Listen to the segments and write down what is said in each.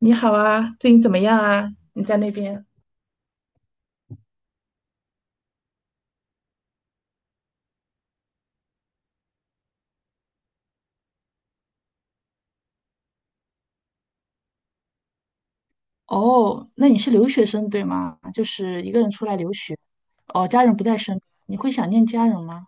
你好啊，最近怎么样啊？你在那边？哦，那你是留学生对吗？就是一个人出来留学。哦，家人不在身边，你会想念家人吗？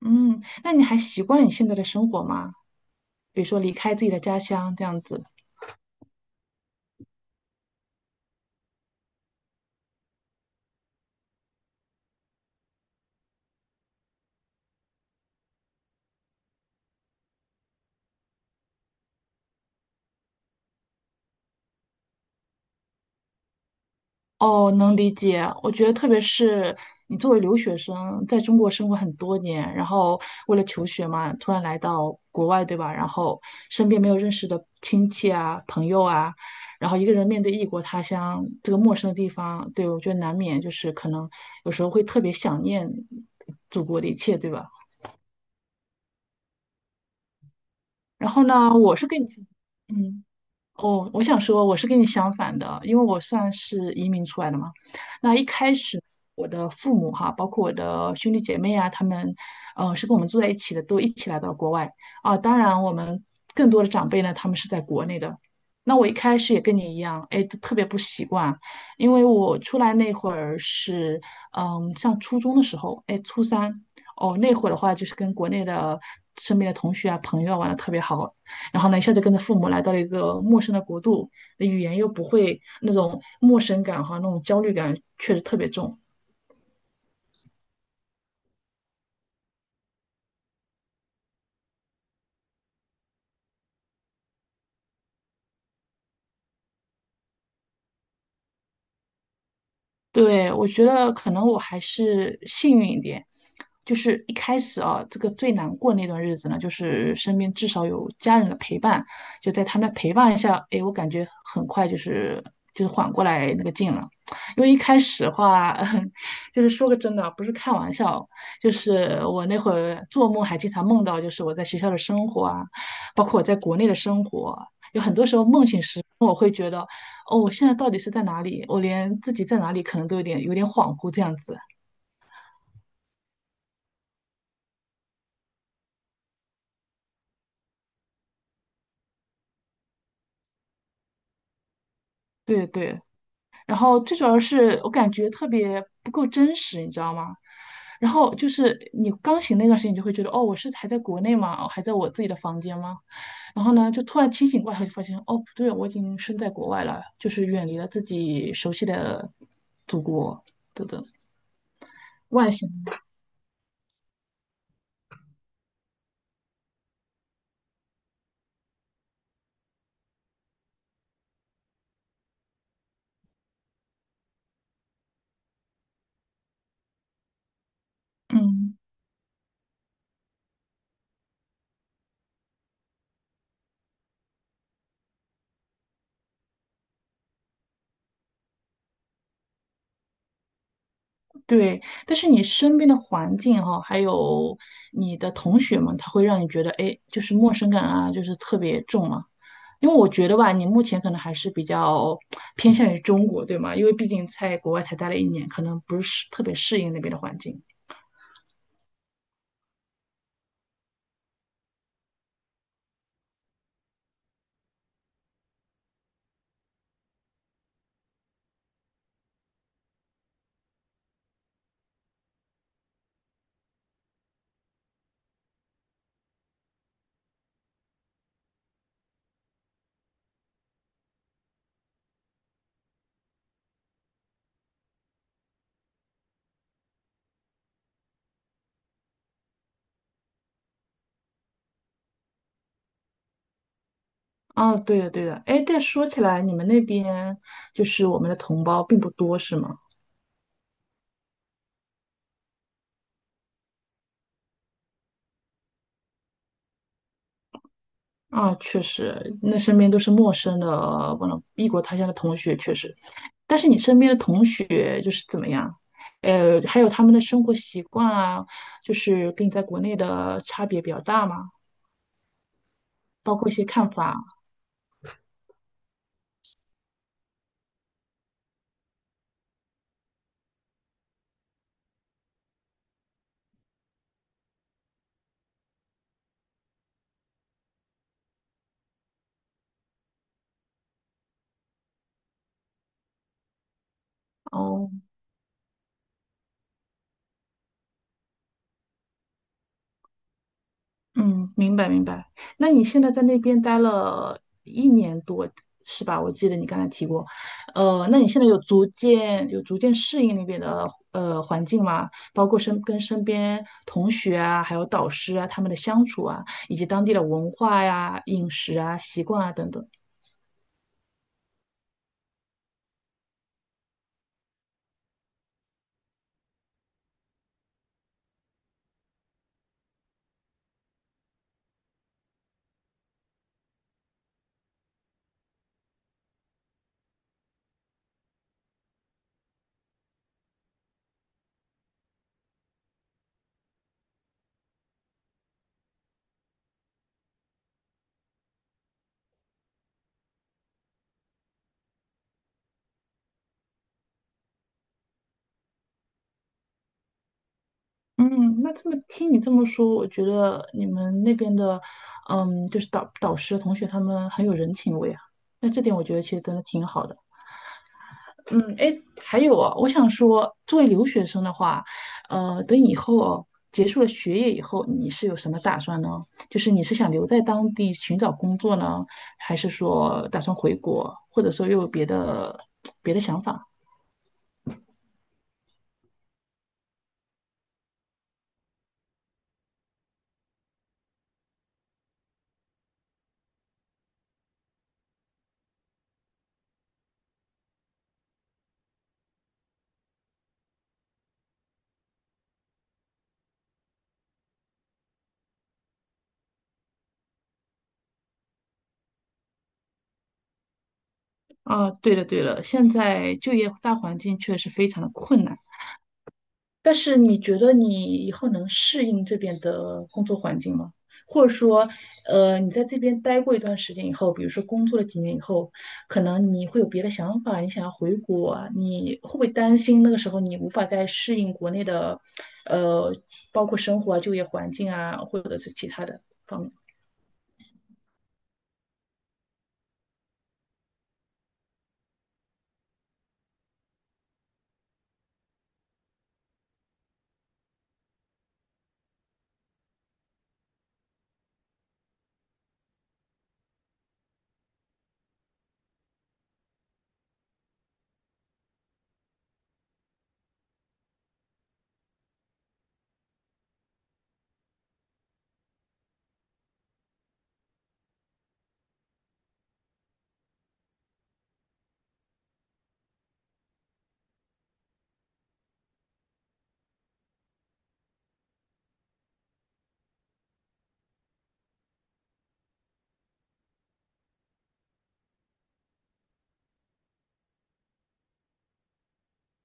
嗯，那你还习惯你现在的生活吗？比如说离开自己的家乡这样子。哦，能理解。我觉得，特别是你作为留学生，在中国生活很多年，然后为了求学嘛，突然来到国外，对吧？然后身边没有认识的亲戚啊、朋友啊，然后一个人面对异国他乡这个陌生的地方。对，我觉得难免就是可能有时候会特别想念祖国的一切，对吧？然后呢，我是跟你，嗯。哦，我想说，我是跟你相反的，因为我算是移民出来的嘛。那一开始，我的父母哈，包括我的兄弟姐妹啊，他们，是跟我们住在一起的，都一起来到了国外啊。当然，我们更多的长辈呢，他们是在国内的。那我一开始也跟你一样，哎，特别不习惯。因为我出来那会儿是，嗯，上初中的时候，哎，初三。哦，那会儿的话就是跟国内的身边的同学啊、朋友啊玩的特别好，然后呢，一下子跟着父母来到了一个陌生的国度，语言又不会，那种陌生感和那种焦虑感确实特别重。对，我觉得可能我还是幸运一点，就是一开始啊，这个最难过那段日子呢，就是身边至少有家人的陪伴，就在他们的陪伴下，哎，我感觉很快就是缓过来那个劲了。因为一开始的话，就是说个真的，不是开玩笑，就是我那会儿做梦还经常梦到，就是我在学校的生活啊，包括我在国内的生活啊，有很多时候梦醒时，我会觉得。哦，我现在到底是在哪里？我连自己在哪里可能都有点恍惚这样子。对对，然后最主要是我感觉特别不够真实，你知道吗？然后就是你刚醒那段时间，你就会觉得哦，我是还在国内吗？哦，还在我自己的房间吗？然后呢，就突然清醒过来，就发现哦，不对，我已经身在国外了，就是远离了自己熟悉的祖国，等等，外省，嗯。对，但是你身边的环境哈、还有你的同学们，他会让你觉得，哎，就是陌生感啊，就是特别重嘛。因为我觉得吧，你目前可能还是比较偏向于中国，对吗？因为毕竟在国外才待了一年，可能不是特别适应那边的环境。啊，对的，对的。哎，但说起来，你们那边就是我们的同胞并不多，是吗？啊，确实，那身边都是陌生的，忘了异国他乡的同学，确实。但是你身边的同学就是怎么样？呃，还有他们的生活习惯啊，就是跟你在国内的差别比较大嘛，包括一些看法啊。哦，嗯，明白。那你现在在那边待了一年多，是吧？我记得你刚才提过。呃，那你现在有逐渐适应那边的环境吗？包括身边同学啊，还有导师啊，他们的相处啊，以及当地的文化呀、饮食啊、习惯啊等等。嗯，那这么听你这么说，我觉得你们那边的，嗯，就是导师、同学他们很有人情味啊。那这点我觉得其实真的挺好的。嗯，哎，还有啊，我想说，作为留学生的话，呃，等以后哦，结束了学业以后，你是有什么打算呢？就是你是想留在当地寻找工作呢？还是说打算回国，或者说又有别的想法？啊，对了对了，现在就业大环境确实非常的困难。但是你觉得你以后能适应这边的工作环境吗？或者说，呃，你在这边待过一段时间以后，比如说工作了几年以后，可能你会有别的想法，你想要回国啊，你会不会担心那个时候你无法再适应国内的，呃，包括生活啊、就业环境啊，或者是其他的方面？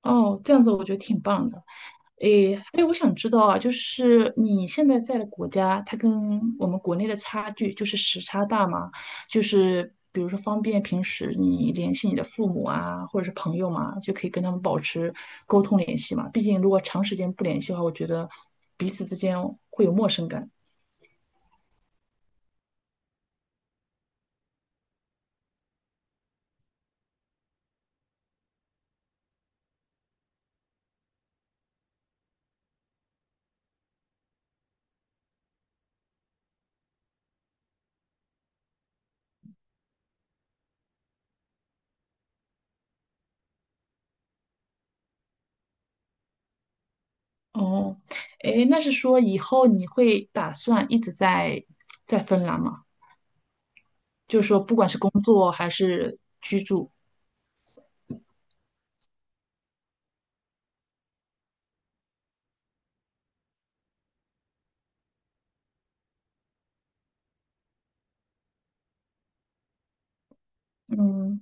哦，这样子我觉得挺棒的。诶，哎，我想知道啊，就是你现在在的国家，它跟我们国内的差距，就是时差大吗？就是比如说方便平时你联系你的父母啊，或者是朋友嘛，就可以跟他们保持沟通联系嘛。毕竟如果长时间不联系的话，我觉得彼此之间会有陌生感。哦，诶，那是说以后你会打算一直在芬兰吗？就是说，不管是工作还是嗯。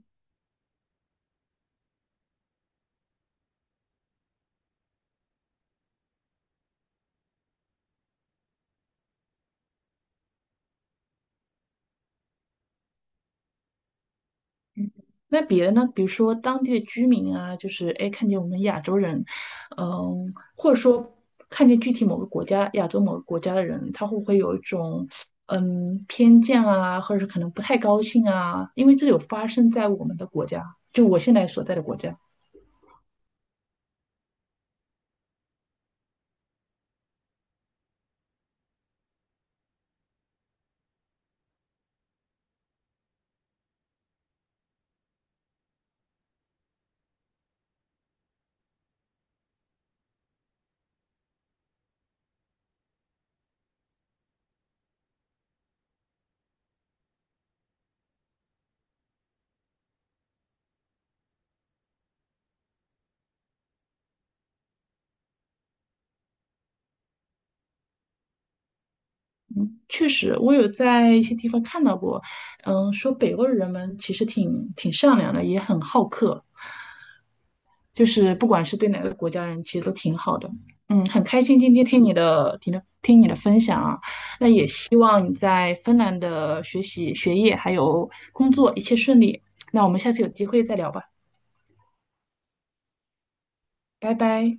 那别的呢？比如说当地的居民啊，就是哎，诶看见我们亚洲人，嗯，或者说看见具体某个国家、亚洲某个国家的人，他会不会有一种偏见啊，或者是可能不太高兴啊？因为这有发生在我们的国家，就我现在所在的国家。确实我有在一些地方看到过，嗯，说北欧的人们其实挺善良的，也很好客，就是不管是对哪个国家人，其实都挺好的。嗯，很开心今天听你的、听你的分享啊。那也希望你在芬兰的学习、学业还有工作一切顺利。那我们下次有机会再聊吧，拜拜。